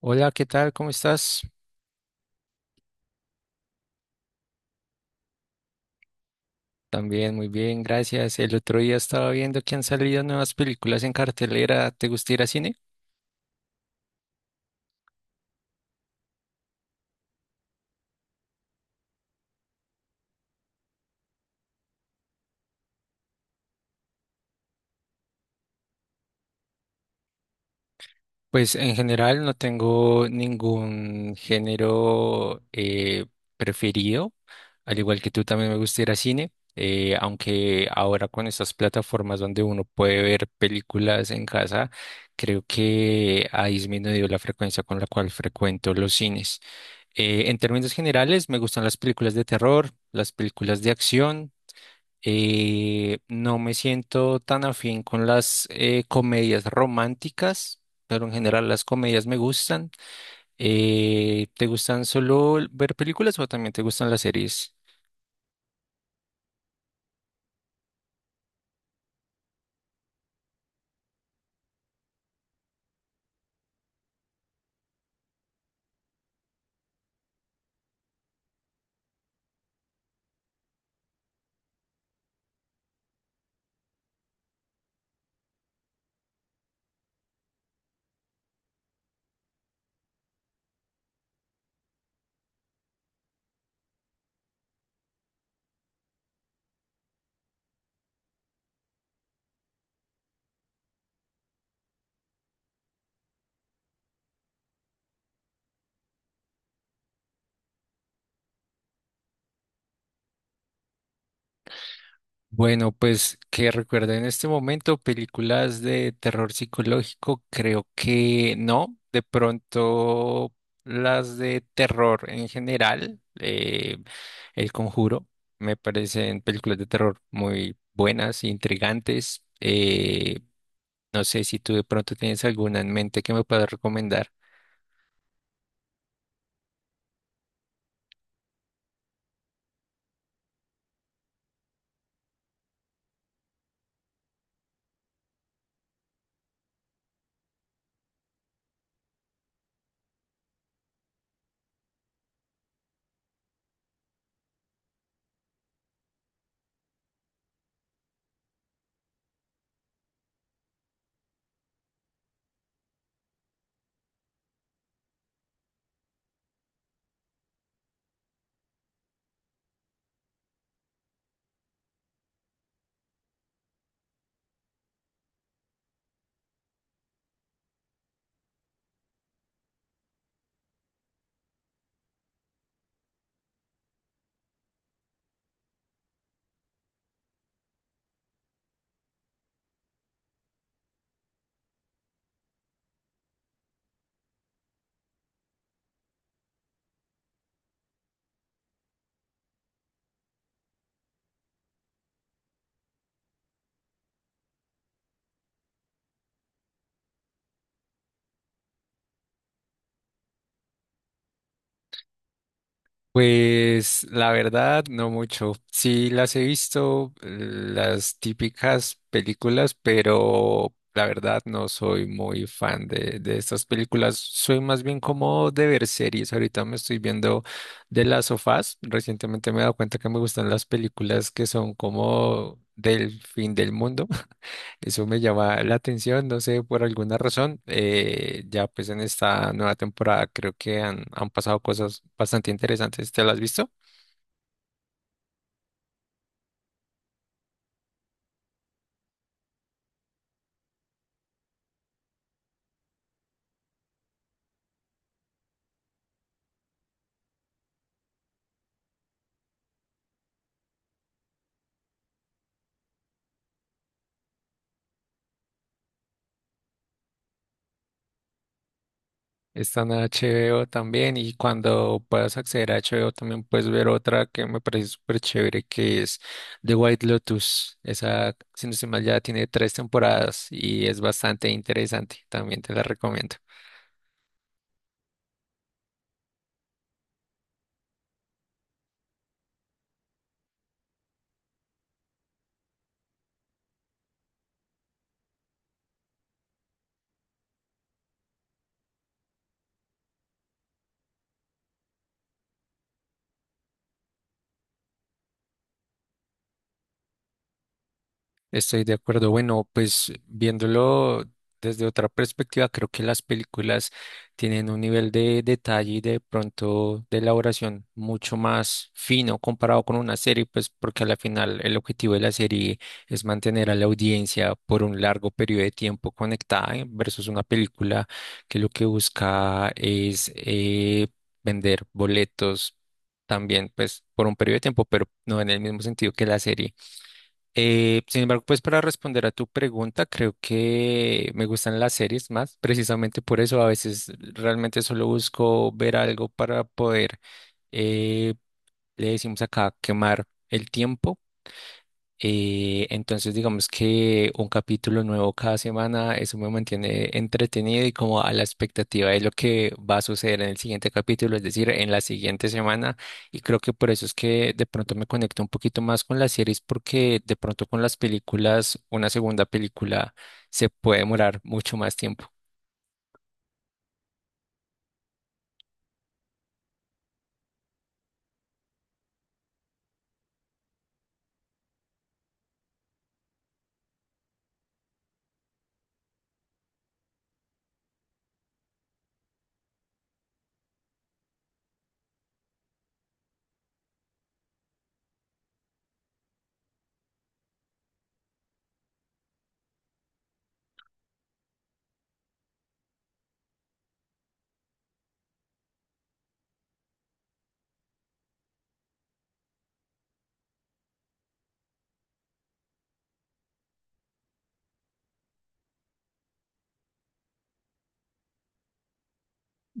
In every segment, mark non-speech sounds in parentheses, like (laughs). Hola, ¿qué tal? ¿Cómo estás? También muy bien, gracias. El otro día estaba viendo que han salido nuevas películas en cartelera. ¿Te gusta ir a cine? Pues en general no tengo ningún género preferido. Al igual que tú también me gusta ir a cine, aunque ahora con estas plataformas donde uno puede ver películas en casa, creo que ha disminuido la frecuencia con la cual frecuento los cines. En términos generales, me gustan las películas de terror, las películas de acción. No me siento tan afín con las comedias románticas, pero en general las comedias me gustan. ¿Te gustan solo ver películas o también te gustan las series? Bueno, pues que recuerdo en este momento películas de terror psicológico, creo que no. De pronto las de terror en general, El Conjuro, me parecen películas de terror muy buenas, intrigantes. No sé si tú de pronto tienes alguna en mente que me puedas recomendar. Pues la verdad, no mucho. Sí las he visto, las típicas películas, pero la verdad no soy muy fan de estas películas. Soy más bien como de ver series. Ahorita me estoy viendo de las sofás. Recientemente me he dado cuenta que me gustan las películas que son como del fin del mundo. Eso me llama la atención, no sé, por alguna razón. Ya pues en esta nueva temporada creo que han pasado cosas bastante interesantes. ¿Te las has visto? Está en HBO también y cuando puedas acceder a HBO también puedes ver otra que me parece súper chévere que es The White Lotus. Esa, si no estoy mal, ya tiene tres temporadas y es bastante interesante. También te la recomiendo. Estoy de acuerdo. Bueno, pues viéndolo desde otra perspectiva, creo que las películas tienen un nivel de detalle y de pronto de elaboración mucho más fino comparado con una serie, pues porque a la final el objetivo de la serie es mantener a la audiencia por un largo periodo de tiempo conectada, versus una película que lo que busca es vender boletos. También pues por un periodo de tiempo, pero no en el mismo sentido que la serie. Sin embargo, pues para responder a tu pregunta, creo que me gustan las series más, precisamente por eso a veces realmente solo busco ver algo para poder, eh, le decimos acá, quemar el tiempo. Entonces, digamos que un capítulo nuevo cada semana, eso me mantiene entretenido y como a la expectativa de lo que va a suceder en el siguiente capítulo, es decir, en la siguiente semana. Y creo que por eso es que de pronto me conecto un poquito más con las series, porque de pronto con las películas, una segunda película se puede demorar mucho más tiempo.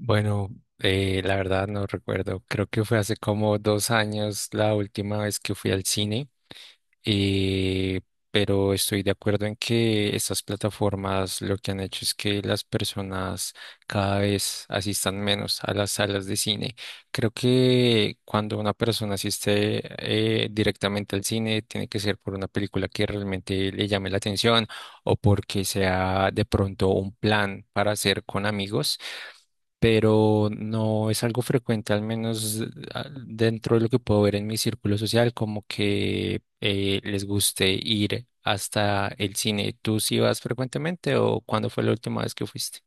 Bueno, la verdad no recuerdo, creo que fue hace como dos años la última vez que fui al cine. Eh, pero estoy de acuerdo en que estas plataformas lo que han hecho es que las personas cada vez asistan menos a las salas de cine. Creo que cuando una persona asiste directamente al cine, tiene que ser por una película que realmente le llame la atención o porque sea de pronto un plan para hacer con amigos, pero no es algo frecuente, al menos dentro de lo que puedo ver en mi círculo social, como que les guste ir hasta el cine. ¿Tú sí vas frecuentemente o cuándo fue la última vez que fuiste?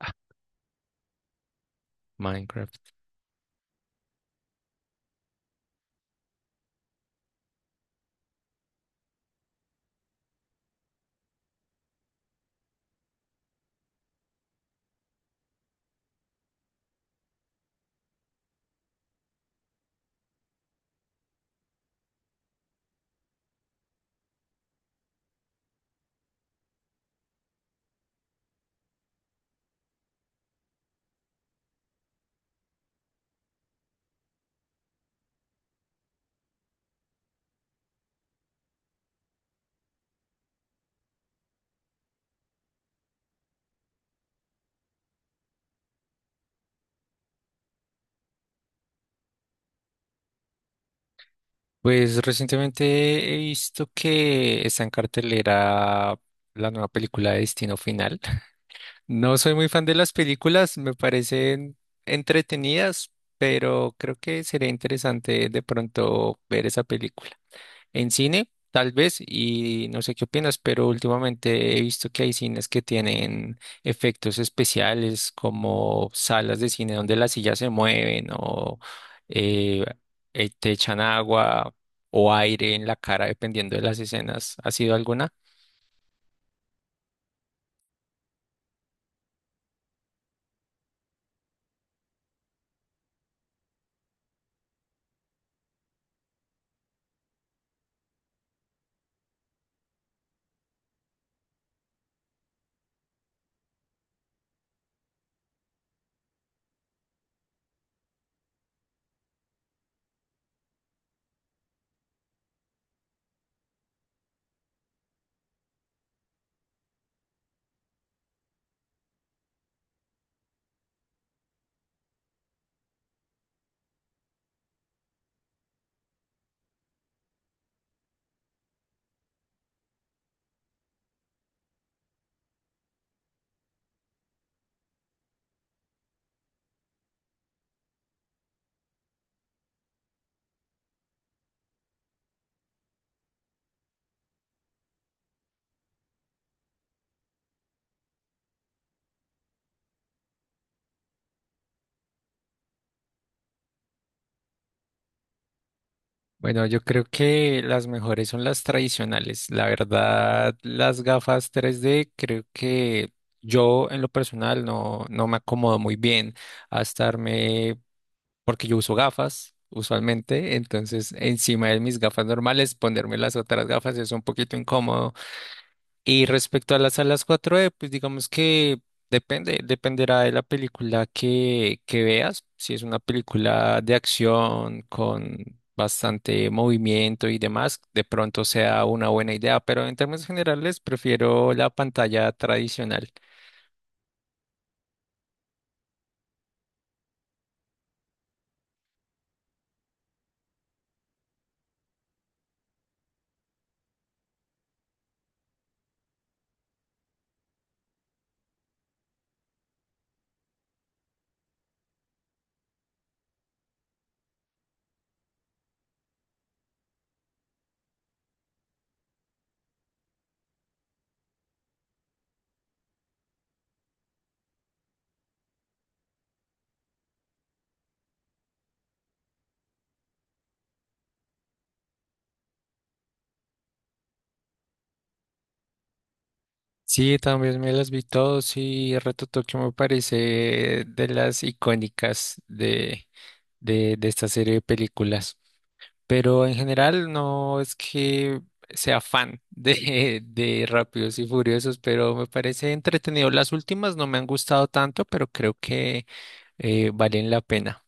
Ah, Minecraft. Pues recientemente he visto que está en cartelera la nueva película de Destino Final. (laughs) No soy muy fan de las películas, me parecen entretenidas, pero creo que sería interesante de pronto ver esa película. En cine, tal vez, y no sé qué opinas, pero últimamente he visto que hay cines que tienen efectos especiales como salas de cine donde las sillas se mueven o eh, te echan agua o aire en la cara dependiendo de las escenas. ¿Ha sido alguna? Bueno, yo creo que las mejores son las tradicionales. La verdad, las gafas 3D, creo que yo en lo personal no me acomodo muy bien a estarme porque yo uso gafas usualmente, entonces encima de mis gafas normales ponerme las otras gafas es un poquito incómodo. Y respecto a las salas 4D, pues digamos que depende, dependerá de la película que veas. Si es una película de acción con bastante movimiento y demás, de pronto sea una buena idea, pero en términos generales prefiero la pantalla tradicional. Sí, también me las vi todos y Reto Tokio me parece de las icónicas de esta serie de películas. Pero en general no es que sea fan (laughs) de Rápidos y Furiosos, pero me parece entretenido. Las últimas no me han gustado tanto, pero creo que valen la pena.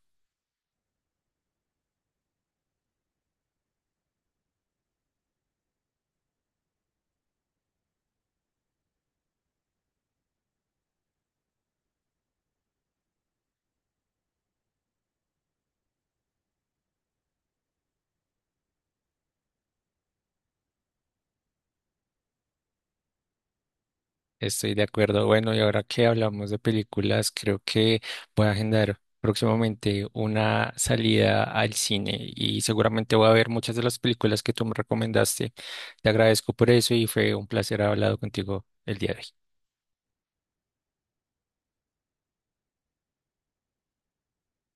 Estoy de acuerdo. Bueno, y ahora que hablamos de películas, creo que voy a agendar próximamente una salida al cine y seguramente voy a ver muchas de las películas que tú me recomendaste. Te agradezco por eso y fue un placer haber hablado contigo el día de hoy.